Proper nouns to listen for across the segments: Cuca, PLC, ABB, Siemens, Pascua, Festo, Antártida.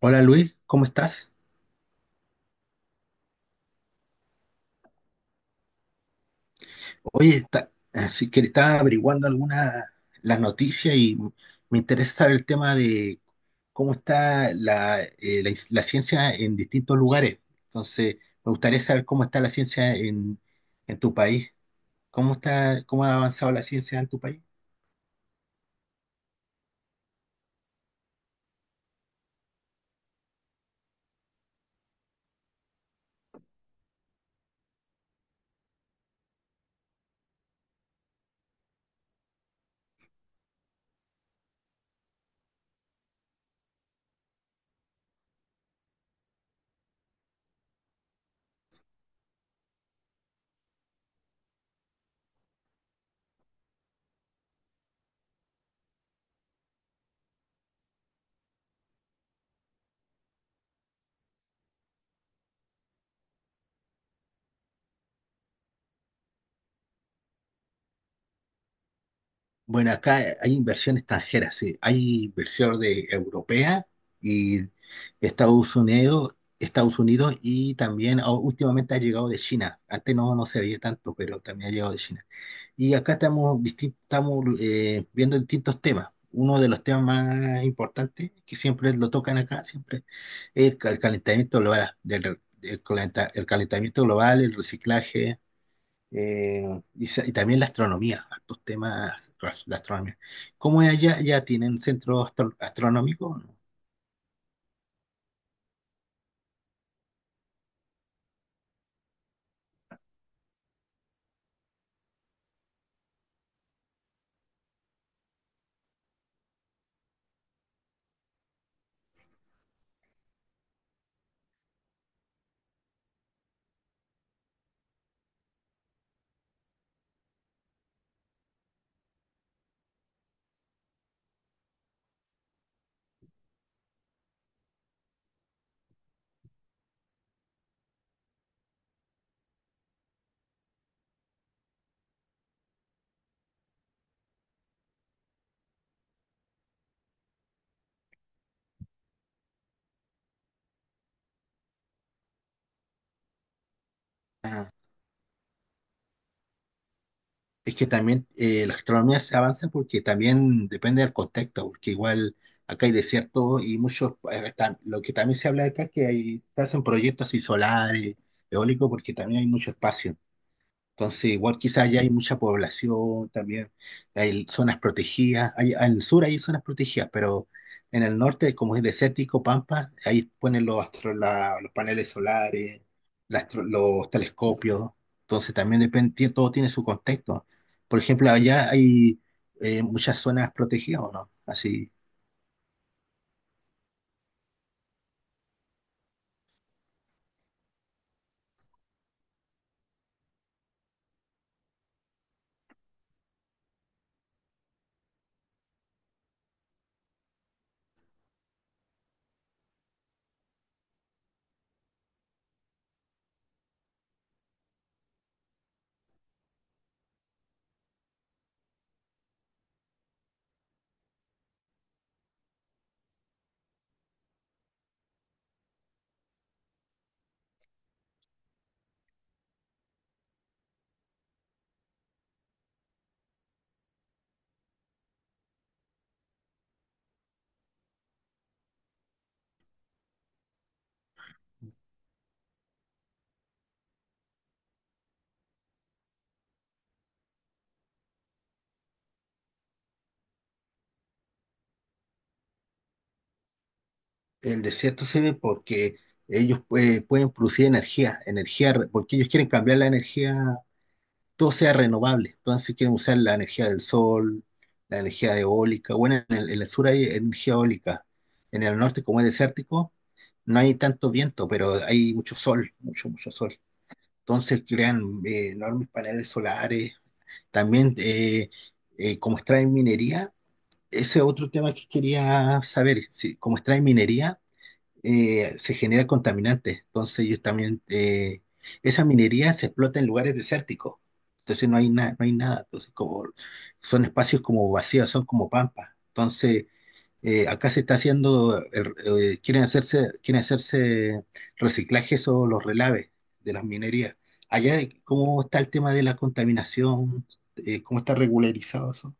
Hola Luis, ¿cómo estás? Oye, está, así que estaba averiguando algunas las noticias y me interesa saber el tema de cómo está la, la ciencia en distintos lugares. Entonces, me gustaría saber cómo está la ciencia en tu país. ¿Cómo está, cómo ha avanzado la ciencia en tu país? Bueno, acá hay inversión extranjera, sí. Hay inversión de europea y Estados Unidos y también últimamente ha llegado de China. Antes no, no se veía tanto, pero también ha llegado de China. Y acá estamos, estamos viendo distintos temas. Uno de los temas más importantes que siempre lo tocan acá, siempre, es el calentamiento global, el calentamiento global, el reciclaje. Eh, y, y también la astronomía, estos temas, la astronomía. ¿Cómo es allá? ¿Ya tienen centro astronómico? Ah, es que también la astronomía se avanza porque también depende del contexto, porque igual acá hay desierto y muchos, lo que también se habla acá es que hay, se hacen proyectos así solares, eólicos, porque también hay mucho espacio. Entonces, igual quizás allá hay mucha población también, hay zonas protegidas, hay, en el sur hay zonas protegidas, pero en el norte, como es desértico, Pampa, ahí ponen los, los paneles solares, los telescopios, entonces también depende, todo tiene su contexto. Por ejemplo, allá hay muchas zonas protegidas, ¿o no? Así, el desierto se ve porque ellos pueden producir energía, porque ellos quieren cambiar la energía todo sea renovable. Entonces si quieren usar la energía del sol, la energía eólica. Bueno, en el sur hay energía eólica. En el norte, como es desértico, no hay tanto viento, pero hay mucho sol, mucho sol. Entonces crean enormes paneles solares. También, como extraen minería, ese es otro tema que quería saber. Si como extraen minería, se genera contaminante. Entonces ellos también, esa minería se explota en lugares desérticos. Entonces no hay nada, no hay nada. Entonces como son espacios como vacíos, son como pampas. Entonces acá se está haciendo, quieren hacerse reciclajes o los relaves de las minerías. Allá, ¿cómo está el tema de la contaminación? ¿Cómo está regularizado eso?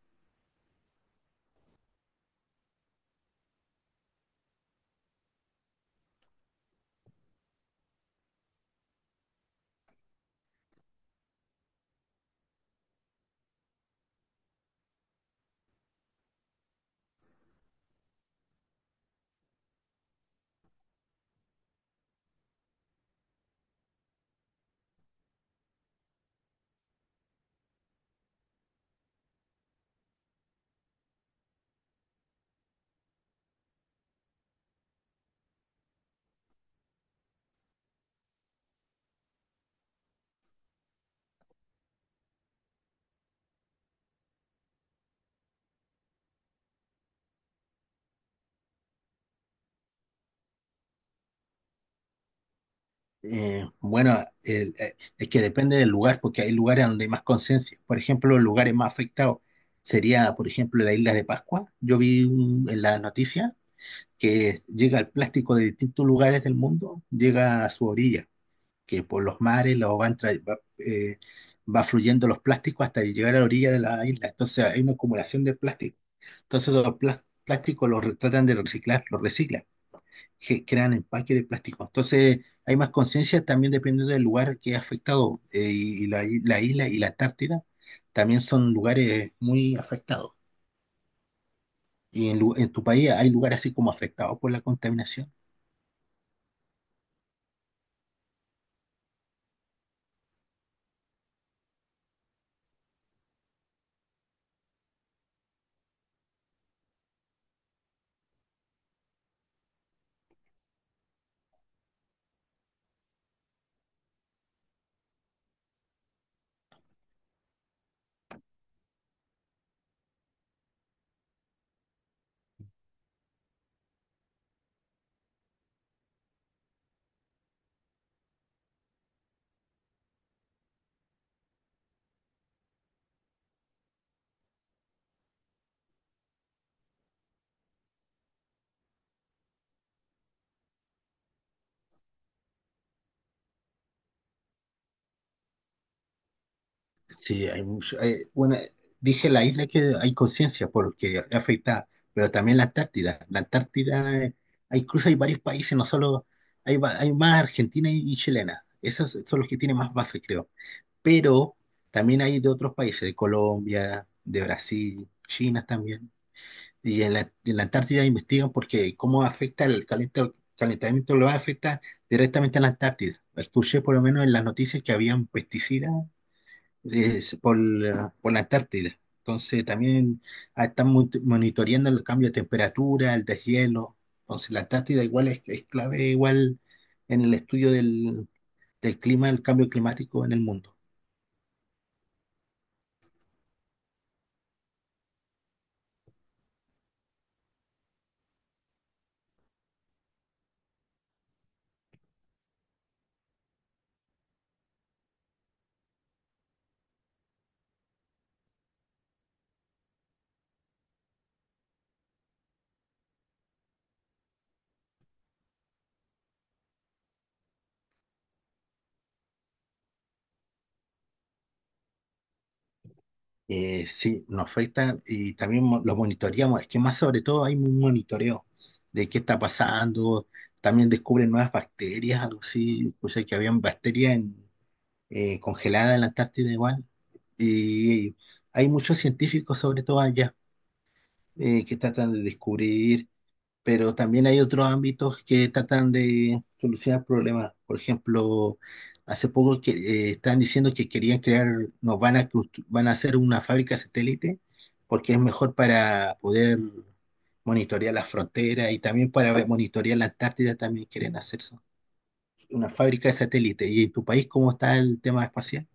Bueno, es que depende del lugar, porque hay lugares donde hay más conciencia. Por ejemplo, los lugares más afectados sería, por ejemplo, la isla de Pascua. Yo en la noticia que llega el plástico de distintos lugares del mundo, llega a su orilla, que por los mares lo van tra- va, va fluyendo los plásticos hasta llegar a la orilla de la isla. Entonces hay una acumulación de plástico. Entonces los plásticos los tratan de reciclar, los reciclan que crean empaque de plástico. Entonces, hay más conciencia también dependiendo del lugar que ha afectado. Y la, la isla y la Antártida también son lugares muy afectados. ¿Y en, en tu país hay lugares así como afectados por la contaminación? Sí, hay mucho. Bueno, dije la isla que hay conciencia porque afecta, pero también la Antártida. La Antártida, incluso hay varios países, no solo hay, hay más Argentina y chilena. Esos son los que tienen más bases, creo. Pero también hay de otros países, de Colombia, de Brasil, China también. Y en la Antártida investigan porque cómo afecta el calentamiento global, afecta directamente a la Antártida. Escuché por lo menos en las noticias que habían pesticidas por la Antártida. Entonces también están monitoreando el cambio de temperatura, el deshielo. Entonces la Antártida igual es clave igual en el estudio del, del clima, el cambio climático en el mundo. Sí, nos afecta y también lo monitoreamos. Es que más sobre todo hay un monitoreo de qué está pasando. También descubren nuevas bacterias, algo así. O sea, que habían congeladas en la Antártida igual. Y hay muchos científicos, sobre todo allá, que tratan de descubrir pero también hay otros ámbitos que tratan de solucionar problemas. Por ejemplo, hace poco que están diciendo que querían crear, nos van a constru- van a hacer una fábrica satélite porque es mejor para poder monitorear las fronteras y también para monitorear la Antártida también quieren hacer eso, una fábrica de satélite. ¿Y en tu país cómo está el tema espacial?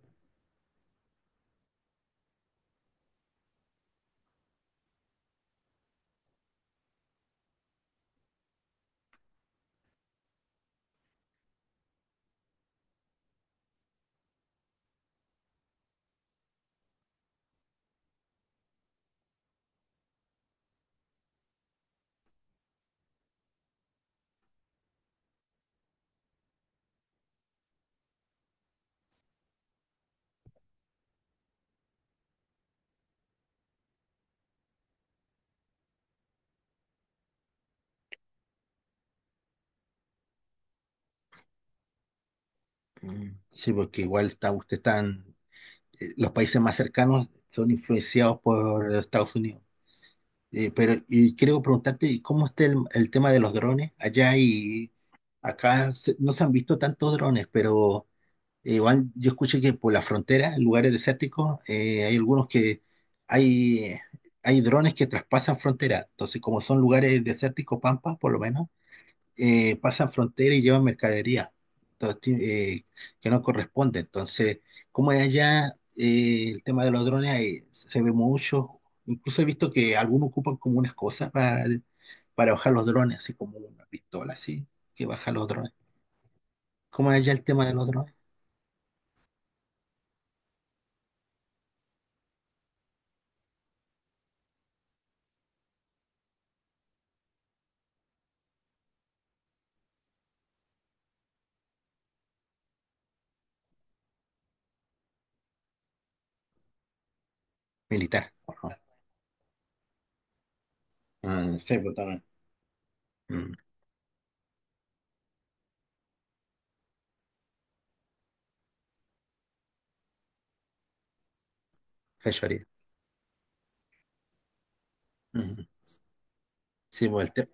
Mm. Sí, porque igual está, usted están, los países más cercanos son influenciados por Estados Unidos. Pero y quiero preguntarte, ¿cómo está el tema de los drones? Allá y no se han visto tantos drones, pero igual yo escuché que por la frontera, en lugares desérticos, hay algunos que hay, hay drones que traspasan frontera. Entonces, como son lugares desérticos, pampa, por lo menos pasan fronteras y llevan mercadería entonces, que no corresponde. Entonces, como es allá, el tema de los drones se ve mucho. Incluso he visto que algunos ocupan como unas cosas para bajar los drones, así como una pistola, así, que baja los drones. ¿Cómo es allá el tema de los drones? Militar, ¿o no? Ah, sí, pues, también. Mm, fechoría. Mm. Sí, pues, el tema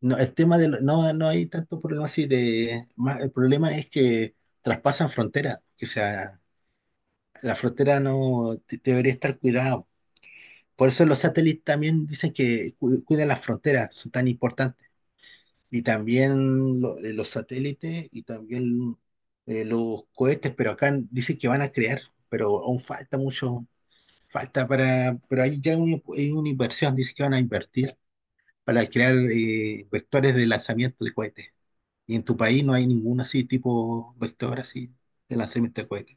no, el tema de no, no hay tanto problema así de más, el problema es que traspasan fronteras, que sea la frontera no de- debería estar cuidada. Por eso los satélites también dicen que cuidan las fronteras, son tan importantes. Y también los satélites y también los cohetes, pero acá dicen que van a crear, pero aún falta mucho, falta para, pero ahí ya hay una inversión, dicen que van a invertir para crear vectores de lanzamiento de cohetes. Y en tu país no hay ningún así tipo vector así de lanzamiento de cohetes.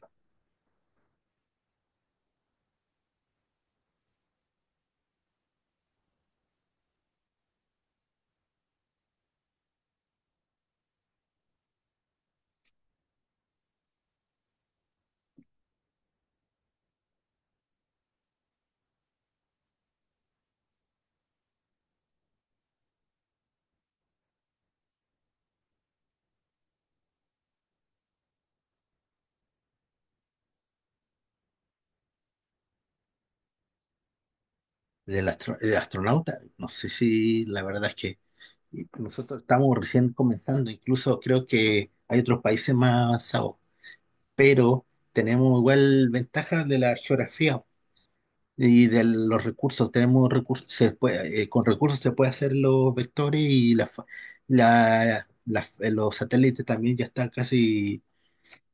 Del astronauta, no sé si la verdad es que y nosotros estamos recién comenzando, incluso creo que hay otros países más avanzados, pero tenemos igual ventajas de la geografía y de los recursos. Tenemos recursos, con recursos se puede hacer los vectores y la, los satélites también ya están casi,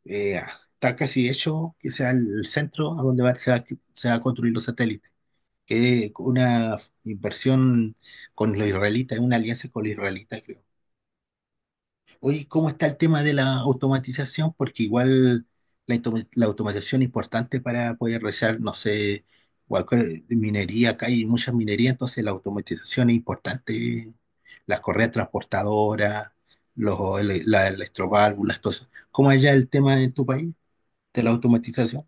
eh, está casi hecho, que sea el centro a donde se va a construir los satélites. Que una inversión con los israelitas, es una alianza con los israelitas, creo. Oye, ¿cómo está el tema de la automatización? Porque igual la, la automatización es importante para poder realizar, no sé, cualquier minería, acá hay muchas minerías, entonces la automatización es importante, las correas transportadoras, los, las electroválvulas, todo eso. ¿Cómo es ya el tema en tu país de la automatización?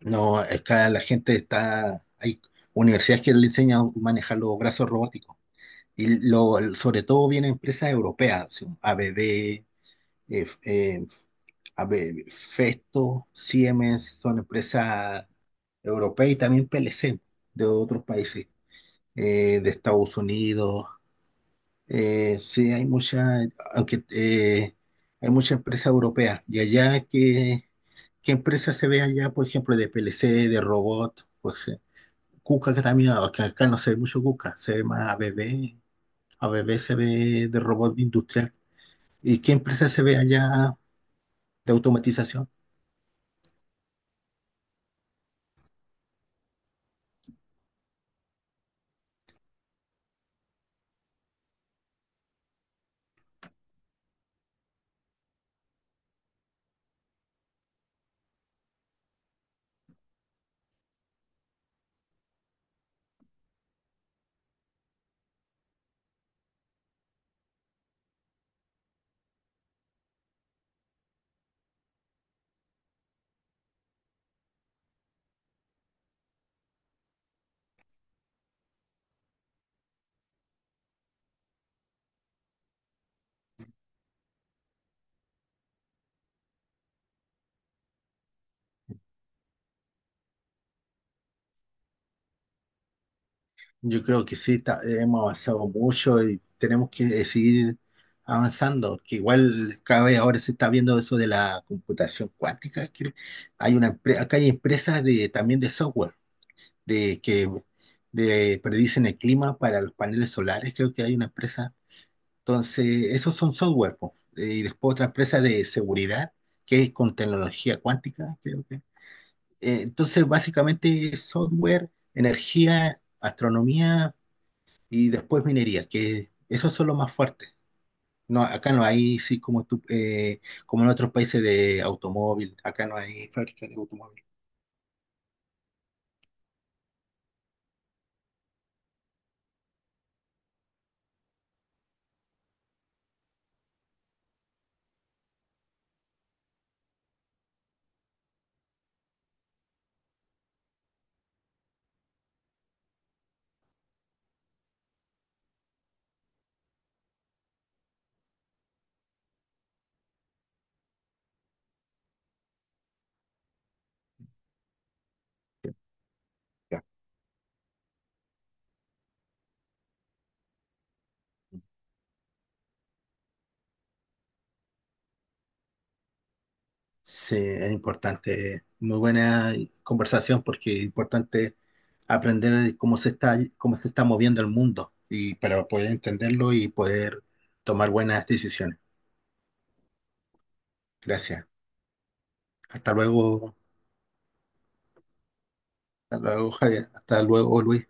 No, acá la gente está, hay universidades que le enseñan a manejar los brazos robóticos. Y lo, sobre todo vienen empresas europeas, así, ABB, eh, eh, a ver, Festo, Siemens son empresas europeas y también PLC de otros países, de Estados Unidos. Sí, hay muchas, aunque hay muchas empresas europeas. Y allá, ¿qué, qué empresa se ve allá, por ejemplo, de PLC, de robot? Cuca, que también, aunque acá no se ve mucho Cuca, se ve más ABB. ABB se ve de robot industrial. ¿Y qué empresa se ve allá de automatización? Yo creo que sí, hemos avanzado mucho y tenemos que seguir avanzando, que igual cada vez ahora se está viendo eso de la computación cuántica, que hay una, acá hay empresas de, también de software, de que predicen el clima para los paneles solares, creo que hay una empresa. Entonces, esos son software, po. Y después otra empresa de seguridad, que es con tecnología cuántica, creo que. Entonces, básicamente, software, energía, astronomía y después minería, que esos son los más fuertes. No, acá no hay, sí, como, tú, como en otros países de automóvil, acá no hay fábrica de automóvil. Ya. Sí, es importante, muy buena conversación porque es importante aprender cómo se está moviendo el mundo y para poder entenderlo y poder tomar buenas decisiones. Gracias. Hasta luego, hasta luego, Javier. Hasta luego, Luis.